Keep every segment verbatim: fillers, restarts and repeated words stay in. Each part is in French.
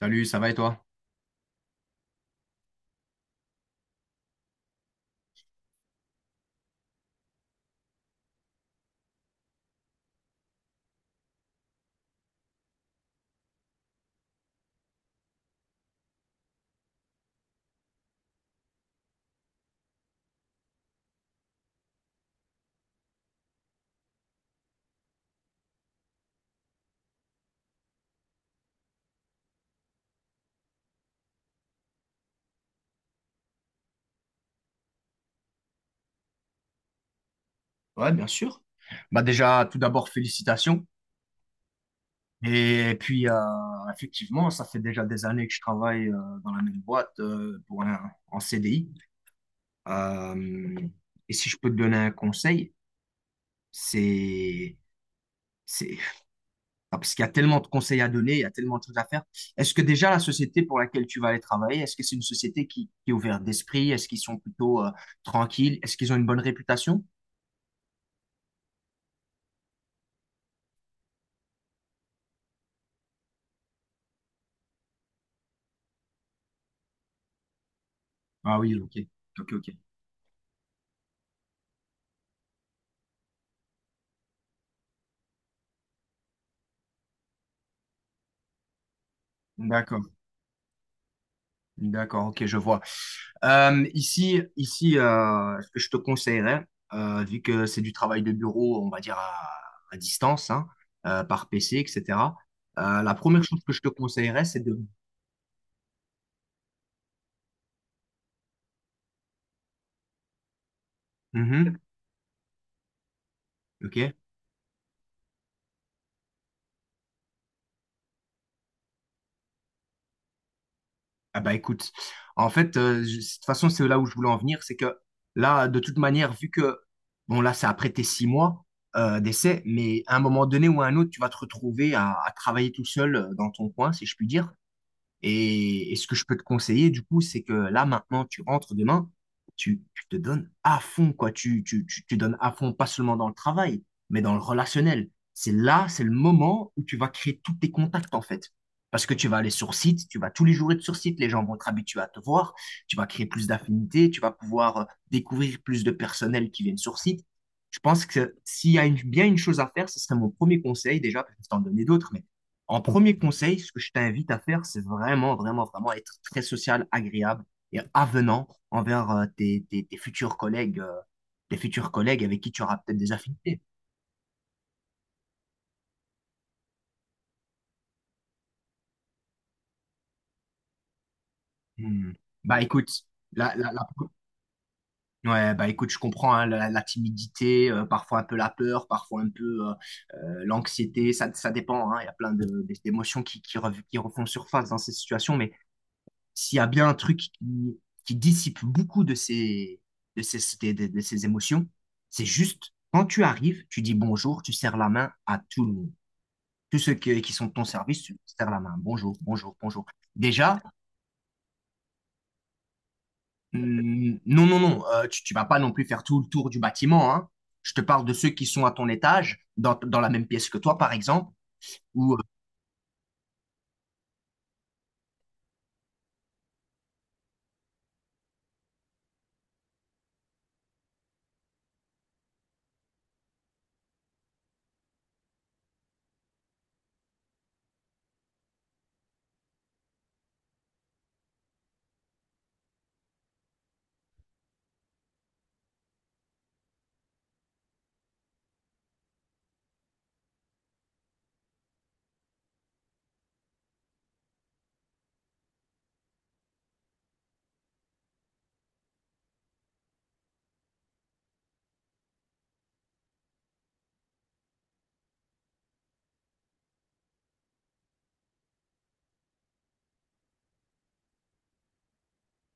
Salut, ça va et toi? Ouais, bien sûr. Bah déjà, tout d'abord, félicitations. Et puis, euh, effectivement, ça fait déjà des années que je travaille euh, dans la même boîte euh, pour un, en C D I. Euh, et si je peux te donner un conseil, c'est, c'est, ah, parce qu'il y a tellement de conseils à donner, il y a tellement de choses à faire. Est-ce que déjà la société pour laquelle tu vas aller travailler, est-ce que c'est une société qui, qui est ouverte d'esprit? Est-ce qu'ils sont plutôt euh, tranquilles? Est-ce qu'ils ont une bonne réputation? Ah oui, ok, ok, ok. D'accord. D'accord, ok, je vois. Euh, ici, ici euh, ce que je te conseillerais, euh, vu que c'est du travail de bureau, on va dire à, à distance, hein, euh, par P C, etcétéra, euh, la première chose que je te conseillerais, c'est de... Mhm, ok. Ah bah écoute, en fait, euh, je- de toute façon, c'est là où je voulais en venir, c'est que là, de toute manière, vu que, bon, là, ça a prêté six mois euh, d'essai, mais à un moment donné ou à un autre, tu vas te retrouver à, à travailler tout seul euh, dans ton coin, si je puis dire. Et, et ce que je peux te conseiller, du coup, c'est que là, maintenant, tu rentres demain, tu, tu te donnes à fond, quoi. Tu, tu, tu, tu donnes à fond, pas seulement dans le travail, mais dans le relationnel. C'est là, c'est le moment où tu vas créer tous tes contacts, en fait. Parce que tu vas aller sur site, tu vas tous les jours être sur site, les gens vont être habitués à te voir, tu vas créer plus d'affinités, tu vas pouvoir euh, découvrir plus de personnel qui viennent sur site. Je pense que s'il y a une- bien une chose à faire, ce serait mon premier conseil, déjà, parce que je vais t'en donner d'autres, mais en premier conseil, ce que je t'invite à faire, c'est vraiment, vraiment, vraiment être très social, agréable et avenant envers euh, tes, tes- tes futurs collègues, euh, tes futurs collègues avec qui tu auras peut-être des affinités. Hmm. Bah écoute, la, la, la- ouais, bah écoute, je comprends hein, la, la timidité, euh, parfois un peu la peur, parfois un peu euh, euh, l'anxiété, ça, ça dépend, hein, il y a plein de- d'émotions qui, qui, rev- qui refont surface dans ces situations, mais s'il y a bien un truc qui, qui dissipe beaucoup de ces, de ces, de, de- de ces émotions, c'est juste quand tu arrives, tu dis bonjour, tu serres la main à tout le monde. Tous ceux que- qui sont de ton service, tu serres la main. Bonjour, bonjour, bonjour. Déjà, hum, non, non, non, euh, tu, tu vas pas non plus faire tout le tour du bâtiment, hein. Je te parle de ceux qui sont à ton étage, dans, dans la même pièce que toi, par exemple, ou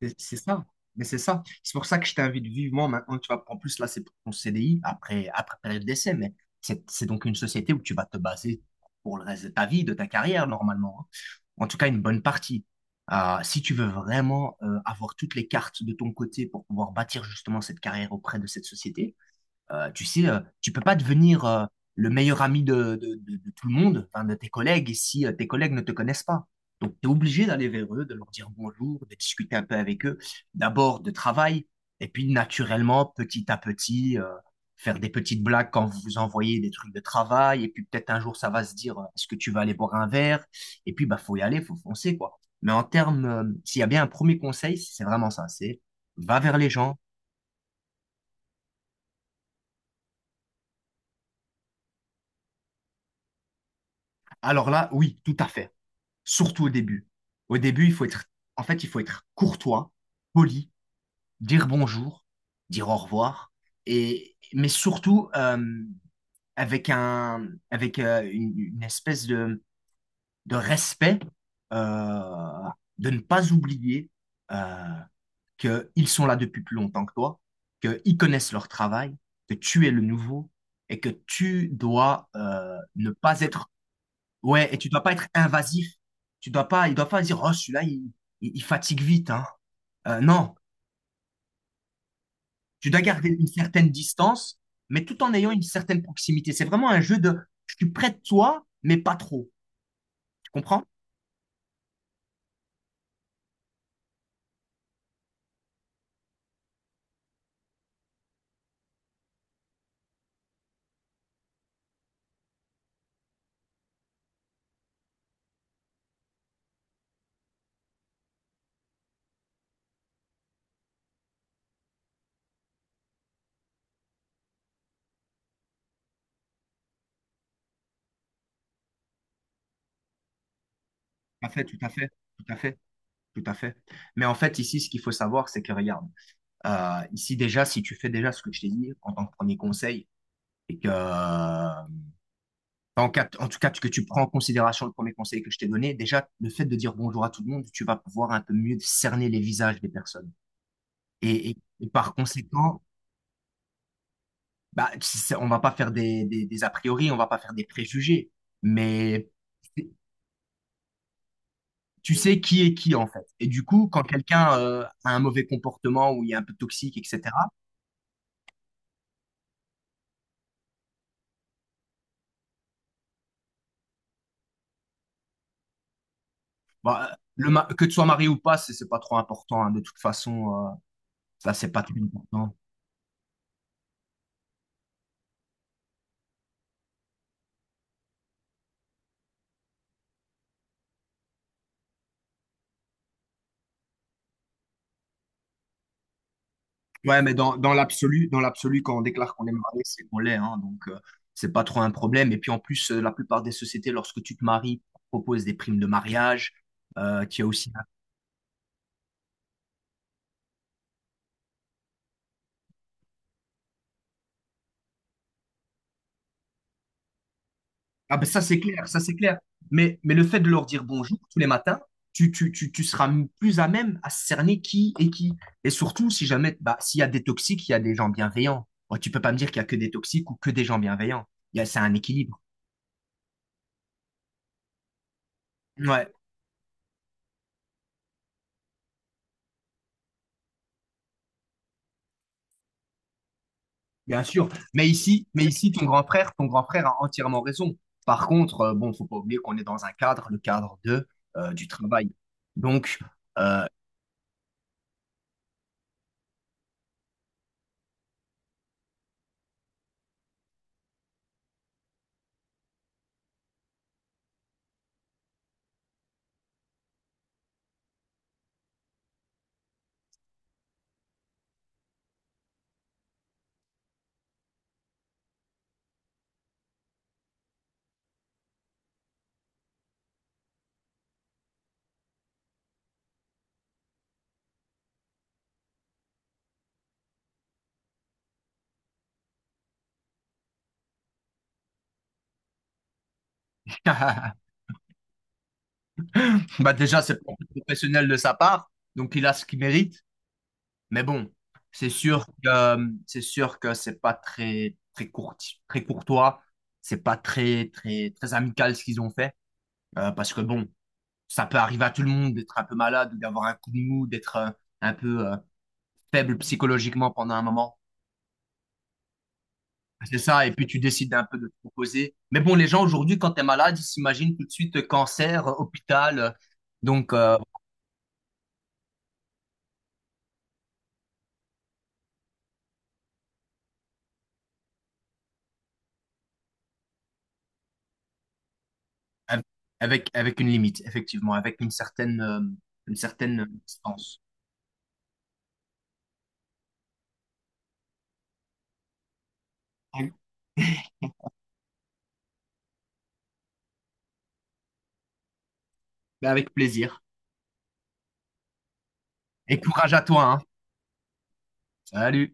C'est c'est ça, mais c'est ça. C'est pour ça que je t'invite vivement maintenant. Tu vas, en plus, là, c'est pour ton C D I après, après période d'essai, mais c'est c'est donc une société où tu vas te baser pour le reste de ta vie, de ta carrière, normalement, hein. En tout cas, une bonne partie. Euh, si tu veux vraiment euh, avoir toutes les cartes de ton côté pour pouvoir bâtir justement cette carrière auprès de cette société, euh, tu sais, euh, tu peux pas devenir euh, le meilleur ami de, de- de- de tout le monde, enfin, de tes collègues, si euh, tes collègues ne te connaissent pas. Donc, tu es obligé d'aller vers eux, de leur dire bonjour, de discuter un peu avec eux, d'abord de travail, et puis naturellement, petit à petit, euh, faire des petites blagues quand vous vous envoyez des trucs de travail, et puis peut-être un jour, ça va se dire, euh, est-ce que tu vas aller boire un verre? Et puis, bah, faut y aller, faut foncer, quoi. Mais en termes, euh, s'il y a bien un premier conseil, c'est vraiment ça, c'est va vers les gens. Alors là, oui, tout à fait, surtout au début. Au début, il faut être, en fait, il faut être courtois, poli, dire bonjour, dire au revoir, et mais surtout euh, avec un, avec euh, une, une espèce de, de respect, euh, de ne pas oublier euh, que ils sont là depuis plus longtemps que toi, qu'ils connaissent leur travail, que tu es le nouveau et que tu dois euh, ne pas être ouais, et tu dois pas être invasif. Tu dois pas, il doit pas dire, oh, celui-là, il, il- il fatigue vite, hein. Euh, non, tu dois garder une certaine distance, mais tout en ayant une certaine proximité. C'est vraiment un jeu de, je suis près de toi, mais pas trop. Tu comprends? Tout à fait, tout à fait, tout à fait, tout à fait. Mais en fait, ici, ce qu'il faut savoir, c'est que regarde, euh, ici déjà, si tu fais déjà ce que je t'ai dit en tant que premier conseil, et que en, quatre- en tout cas, que tu prends en considération le premier conseil que je t'ai donné, déjà, le fait de dire bonjour à tout le monde, tu vas pouvoir un peu mieux cerner les visages des personnes. Et, et- et par conséquent, bah, c- c'est- on va pas faire des, des, des a priori, on va pas faire des préjugés, mais tu sais qui est qui, en fait. Et du coup, quand quelqu'un euh, a un mauvais comportement ou il est un peu toxique, etcétéra, bah, le ma- que tu sois marié ou pas, c'est c'est pas trop important, hein. De toute façon, euh, ça, c'est pas très important. Ouais, mais dans, dans l'absolu, dans l'absolu, quand on déclare qu'on est marié, c'est qu'on l'est, hein, donc, euh, c'est pas trop un problème. Et puis, en plus, euh, la plupart des sociétés, lorsque tu te maries, proposent des primes de mariage, euh, qui est aussi ah ben ça c'est clair, ça c'est clair. Mais, mais le fait de leur dire bonjour tous les matins, tu, tu, tu, tu seras m- plus à même à cerner qui est qui. Et surtout, si jamais, bah, s'il y a des toxiques, il y a des gens bienveillants. Bon, tu peux pas me dire qu'il y a que des toxiques ou que des gens bienveillants. Il y a, c'est un équilibre. Ouais, bien sûr. Mais ici, mais ici, ton grand frère, ton grand frère a entièrement raison. Par contre, euh, bon, faut pas oublier qu'on est dans un cadre, le cadre de, euh, du travail. Donc, euh, bah déjà, c'est pas professionnel de sa part, donc il a ce qu'il mérite. Mais bon, c'est sûr que c'est sûr que c'est pas très très court, très courtois, c'est pas très très très amical ce qu'ils ont fait euh, parce que bon, ça peut arriver à tout le monde d'être un peu malade ou d'avoir un coup de mou, d'être euh, un peu euh, faible psychologiquement pendant un moment. Ah, c'est ça, et puis tu décides un peu de te proposer. Mais bon, les gens aujourd'hui, quand t'es malade, ils s'imaginent tout de suite euh, cancer, euh, hôpital, euh, donc euh, av- avec avec une limite, effectivement, avec une certaine euh, une certaine distance. Ben, avec plaisir. Et courage à toi, hein. Salut.